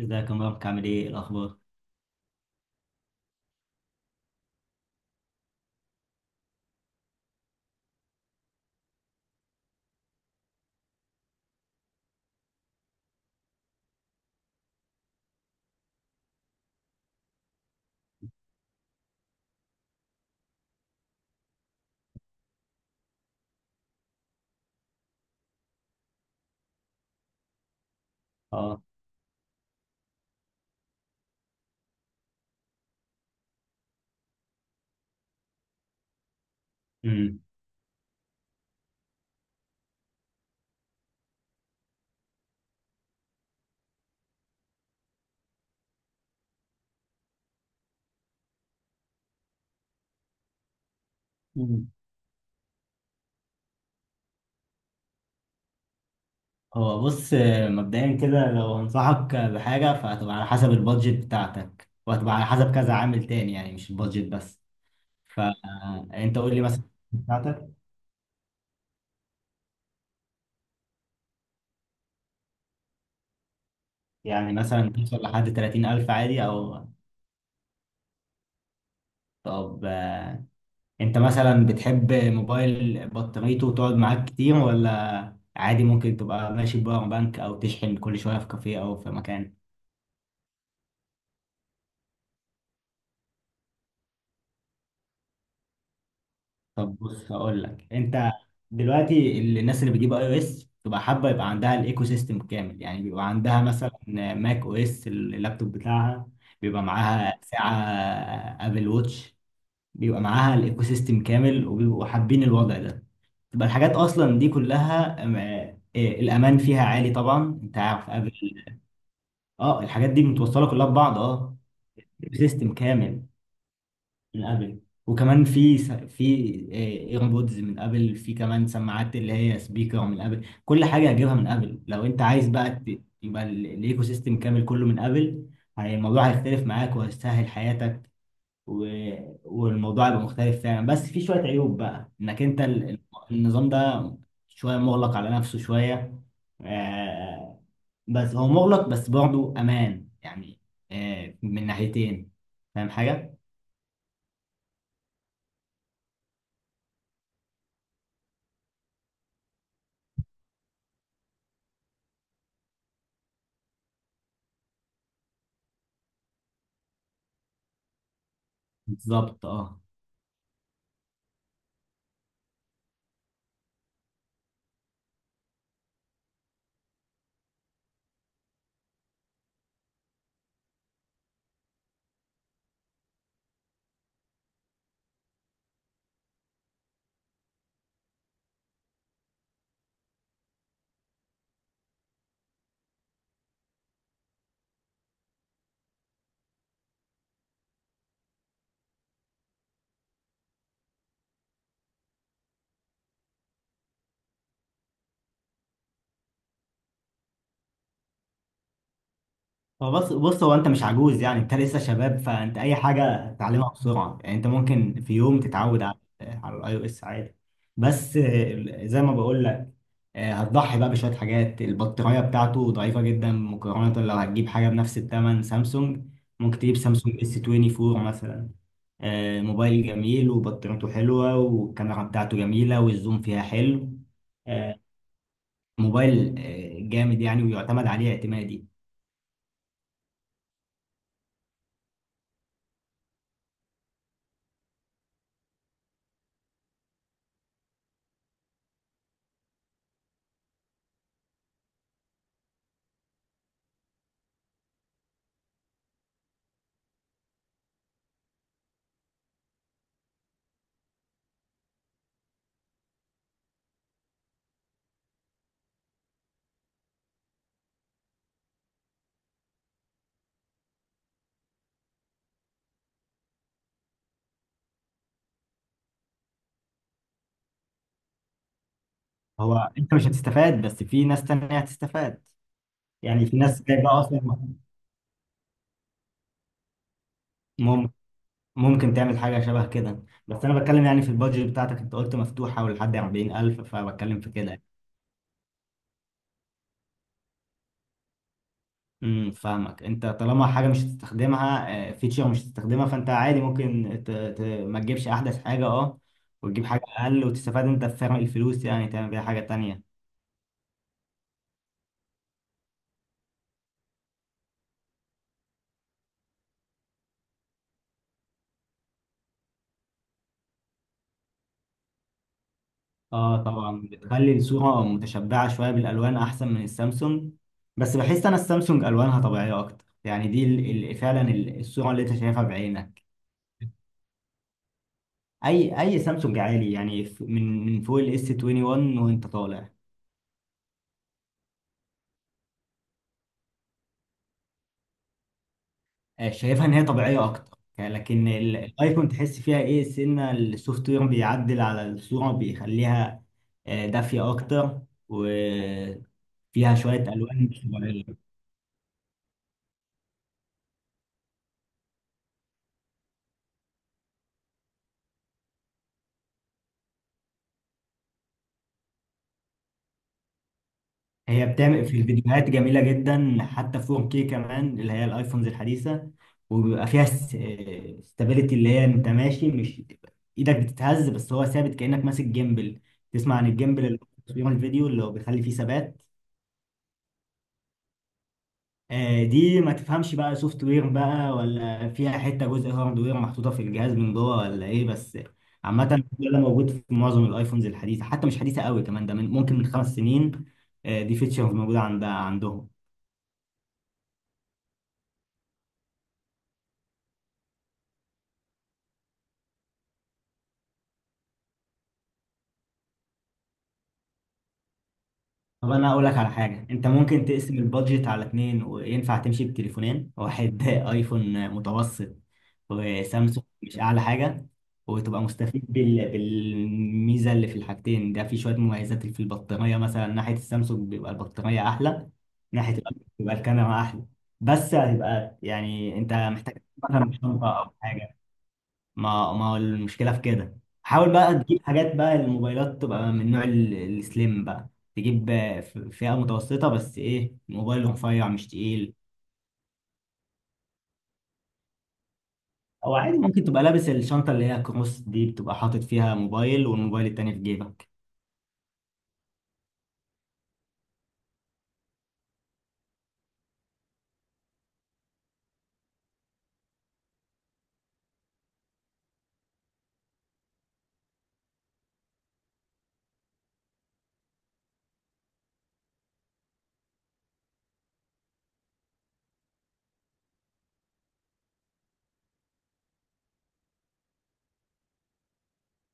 ازيك يا مبارك، عامل ايه؟ إيه الاخبار؟ اه. امم. مم. هو بص، مبدئيا كده لو هنصحك بحاجه فهتبقى على حسب البادجت بتاعتك، وهتبقى على حسب كذا عامل تاني، يعني مش البادجت بس. فانت قول لي مثلا بتاعتك. يعني مثلا توصل لحد 30,000 عادي، او طب، انت مثلا بتحب موبايل بطاريته تقعد معاك كتير، ولا عادي ممكن تبقى ماشي بباور بانك او تشحن كل شويه في كافيه او في مكان؟ طب بص هقول لك. انت دلوقتي الناس اللي بتجيب اي او اس تبقى حابه يبقى عندها الايكو سيستم كامل، يعني بيبقى عندها مثلا ماك او اس اللابتوب بتاعها، بيبقى معاها ساعه ابل ووتش، بيبقى معاها الايكو سيستم كامل وبيبقوا حابين الوضع ده. تبقى الحاجات اصلا دي كلها الامان فيها عالي طبعا، انت عارف ابل. اه الحاجات دي متوصله كلها ببعض، اه سيستم كامل من ابل. وكمان في في ايربودز من ابل، في كمان سماعات اللي هي سبيكر من ابل، كل حاجه هجيبها من ابل. لو انت عايز بقى يبقى الايكو سيستم كامل كله من ابل، الموضوع هيختلف معاك وهيسهل حياتك. و... والموضوع هيبقى مختلف فعلا. بس في شويه عيوب بقى، انك انت النظام ده شويه مغلق على نفسه شويه، آه، بس هو مغلق بس برضه امان يعني، من ناحيتين. فاهم حاجه؟ بالظبط اه. هو بص هو انت مش عجوز، يعني انت لسه شباب، فانت اي حاجه تتعلمها بسرعه، يعني انت ممكن في يوم تتعود على على الاي او اس عادي. بس زي ما بقول لك، هتضحي بقى بشويه حاجات، البطاريه بتاعته ضعيفه جدا مقارنه لو هتجيب حاجه بنفس الثمن سامسونج. ممكن تجيب سامسونج اس 24 مثلا، موبايل جميل، وبطاريته حلوه، والكاميرا بتاعته جميله، والزوم فيها حلو، آه، موبايل جامد يعني، ويعتمد عليه اعتمادي. هو انت مش هتستفاد، بس في ناس تانية هتستفاد، يعني في ناس جايبه اصلا. مم- ممكن تعمل حاجه شبه كده، بس انا بتكلم يعني في البادجت بتاعتك، انت قلت مفتوحه ولحد 40,000، فبتكلم في كده. امم، فاهمك. انت طالما حاجه مش هتستخدمها، فيتشر مش هتستخدمها، فانت عادي ممكن ما تجيبش احدث حاجه اه، وتجيب حاجه اقل، وتستفاد انت بفرق الفلوس، يعني تعمل بيها حاجه تانية. اه طبعا بتخلي الصورة متشبعة شوية بالألوان أحسن من السامسونج. بس بحس أنا السامسونج ألوانها طبيعية أكتر، يعني دي فعلا الصورة اللي أنت شايفها بعينك. أي أي سامسونج عالي، يعني من فوق ال S21 وأنت طالع. شايفها إن هي طبيعية أكتر يعني، لكن الأيفون تحس فيها إيه سنة، السوفت وير بيعدل على الصورة بيخليها دافية أكتر، وفيها شوية ألوان مش طبيعية. هي بتعمل في الفيديوهات جميلة جدا، حتى 4K كمان، اللي هي الايفونز الحديثة. وبيبقى فيها ستابيليتي، اللي هي انت ماشي مش ايدك بتتهز، بس هو ثابت كأنك ماسك جيمبل. تسمع عن الجيمبل اللي بيعمل الفيديو اللي هو بيخلي فيه ثبات؟ دي ما تفهمش بقى سوفت وير بقى ولا فيها حتة جزء هارد وير محطوطة في الجهاز من جوه ولا ايه بس. عامة ده موجود في معظم الايفونز الحديثة، حتى مش حديثة قوي كمان، ده من ممكن من 5 سنين. دي فيتشرز موجودة عندهم. طب انا اقول لك على حاجه، انت ممكن تقسم البادجت على اتنين، وينفع تمشي بتليفونين واحد ايفون متوسط وسامسونج مش اعلى حاجه، وتبقى مستفيد بالميزه اللي في الحاجتين. ده في شويه مميزات، في البطاريه مثلا ناحيه السامسونج بيبقى البطاريه احلى، ناحيه الايفون بيبقى الكاميرا احلى. بس هتبقى يعني انت مثلا شنطه او حاجه، ما هو المشكله في كده؟ حاول بقى تجيب حاجات بقى الموبايلات تبقى من نوع السليم بقى، تجيب فئه متوسطه، بس ايه، موبايل رفيع مش تقيل. او عادي ممكن تبقى لابس الشنطه اللي هي كروس دي، بتبقى حاطط فيها موبايل والموبايل التاني في جيبك.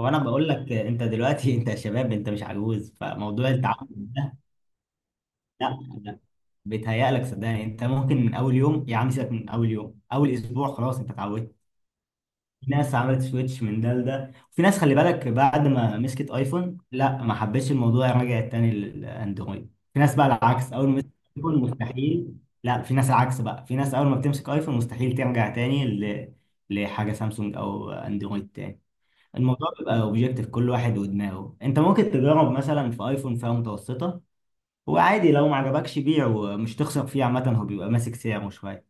هو انا بقول لك انت دلوقتي انت شباب، انت مش عجوز، فموضوع التعود ده لا لا، بيتهيألك. صدقني انت ممكن من اول يوم، يا عم سيبك من اول يوم، اول اسبوع خلاص انت اتعودت. في ناس عملت سويتش من ده لده، في ناس خلي بالك بعد ما مسكت ايفون لا ما حبتش الموضوع رجعت تاني للاندرويد، في ناس بقى العكس اول ما مسكت ايفون مستحيل. لا في ناس العكس بقى، في ناس اول ما بتمسك ايفون مستحيل ترجع تاني لحاجه سامسونج او اندرويد تاني. الموضوع بيبقى اوبجيكتيف، كل واحد ودماغه. انت ممكن تجرب مثلا في ايفون فئه متوسطه، وعادي لو ما عجبكش بيعه، مش تخسر فيه، عامه هو بيبقى ماسك سعره شويه.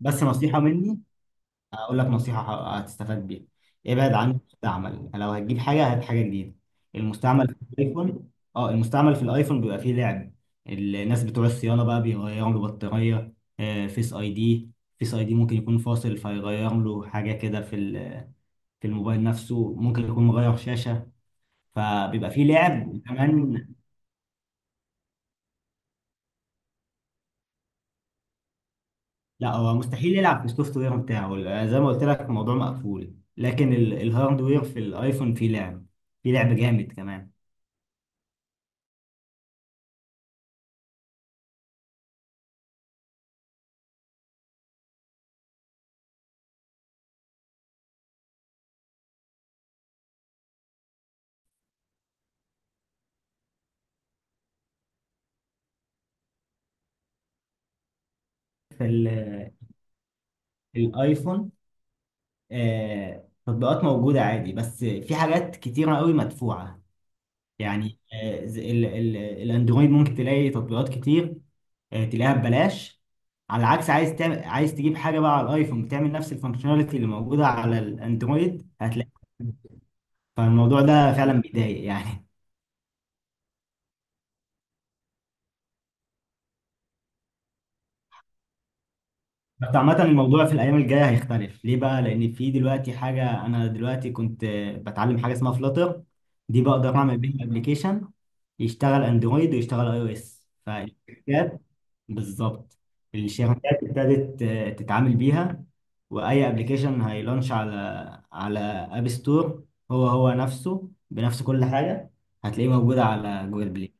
بس نصيحه مني، هقول لك نصيحة هتستفاد بيها: ابعد عن المستعمل، لو هتجيب حاجة هات حاجة جديدة. المستعمل في الايفون، اه المستعمل في الايفون بيبقى فيه لعب، الناس بتوع الصيانة بقى بيغيروا له بطارية، آه، فيس اي دي فيس اي دي ممكن يكون فاصل، فيغير له حاجة كده في في الموبايل نفسه، ممكن يكون مغير شاشة، فبيبقى فيه لعب كمان. لا هو مستحيل يلعب في السوفت وير بتاعه، زي ما قلت لك الموضوع مقفول، لكن الهاردوير في الايفون فيه لعب، فيه لعب جامد كمان. في الايفون تطبيقات موجودة عادي، بس في حاجات كتيرة قوي مدفوعة. يعني الاندرويد ممكن تلاقي تطبيقات كتير، تلاقيها ببلاش. على العكس عايز تعمل، عايز تجيب حاجة بقى على الايفون بتعمل نفس الفانكشناليتي اللي موجودة على الاندرويد، هتلاقي. فالموضوع ده فعلا بيضايق يعني. بس عامة الموضوع في الأيام الجاية هيختلف ليه بقى؟ لأن في دلوقتي حاجة، أنا دلوقتي كنت بتعلم حاجة اسمها فلاتر، دي بقدر أعمل بيها أبلكيشن يشتغل أندرويد ويشتغل أي أو إس. فالشركات بالظبط، الشركات ابتدت تتعامل بيها، وأي أبلكيشن هيلونش على على أب ستور هو هو نفسه، بنفس كل حاجة هتلاقيه موجود على جوجل بلاي.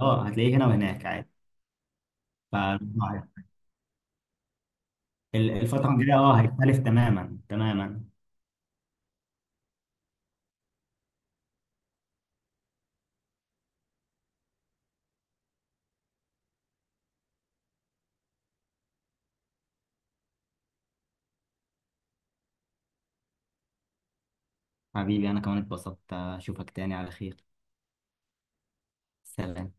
اه هتلاقيه هنا وهناك عادي. فالموضوع الفترة الجاية اه هيختلف تماما تماما. حبيبي أنا كمان اتبسطت، أشوفك تاني على خير. سلام.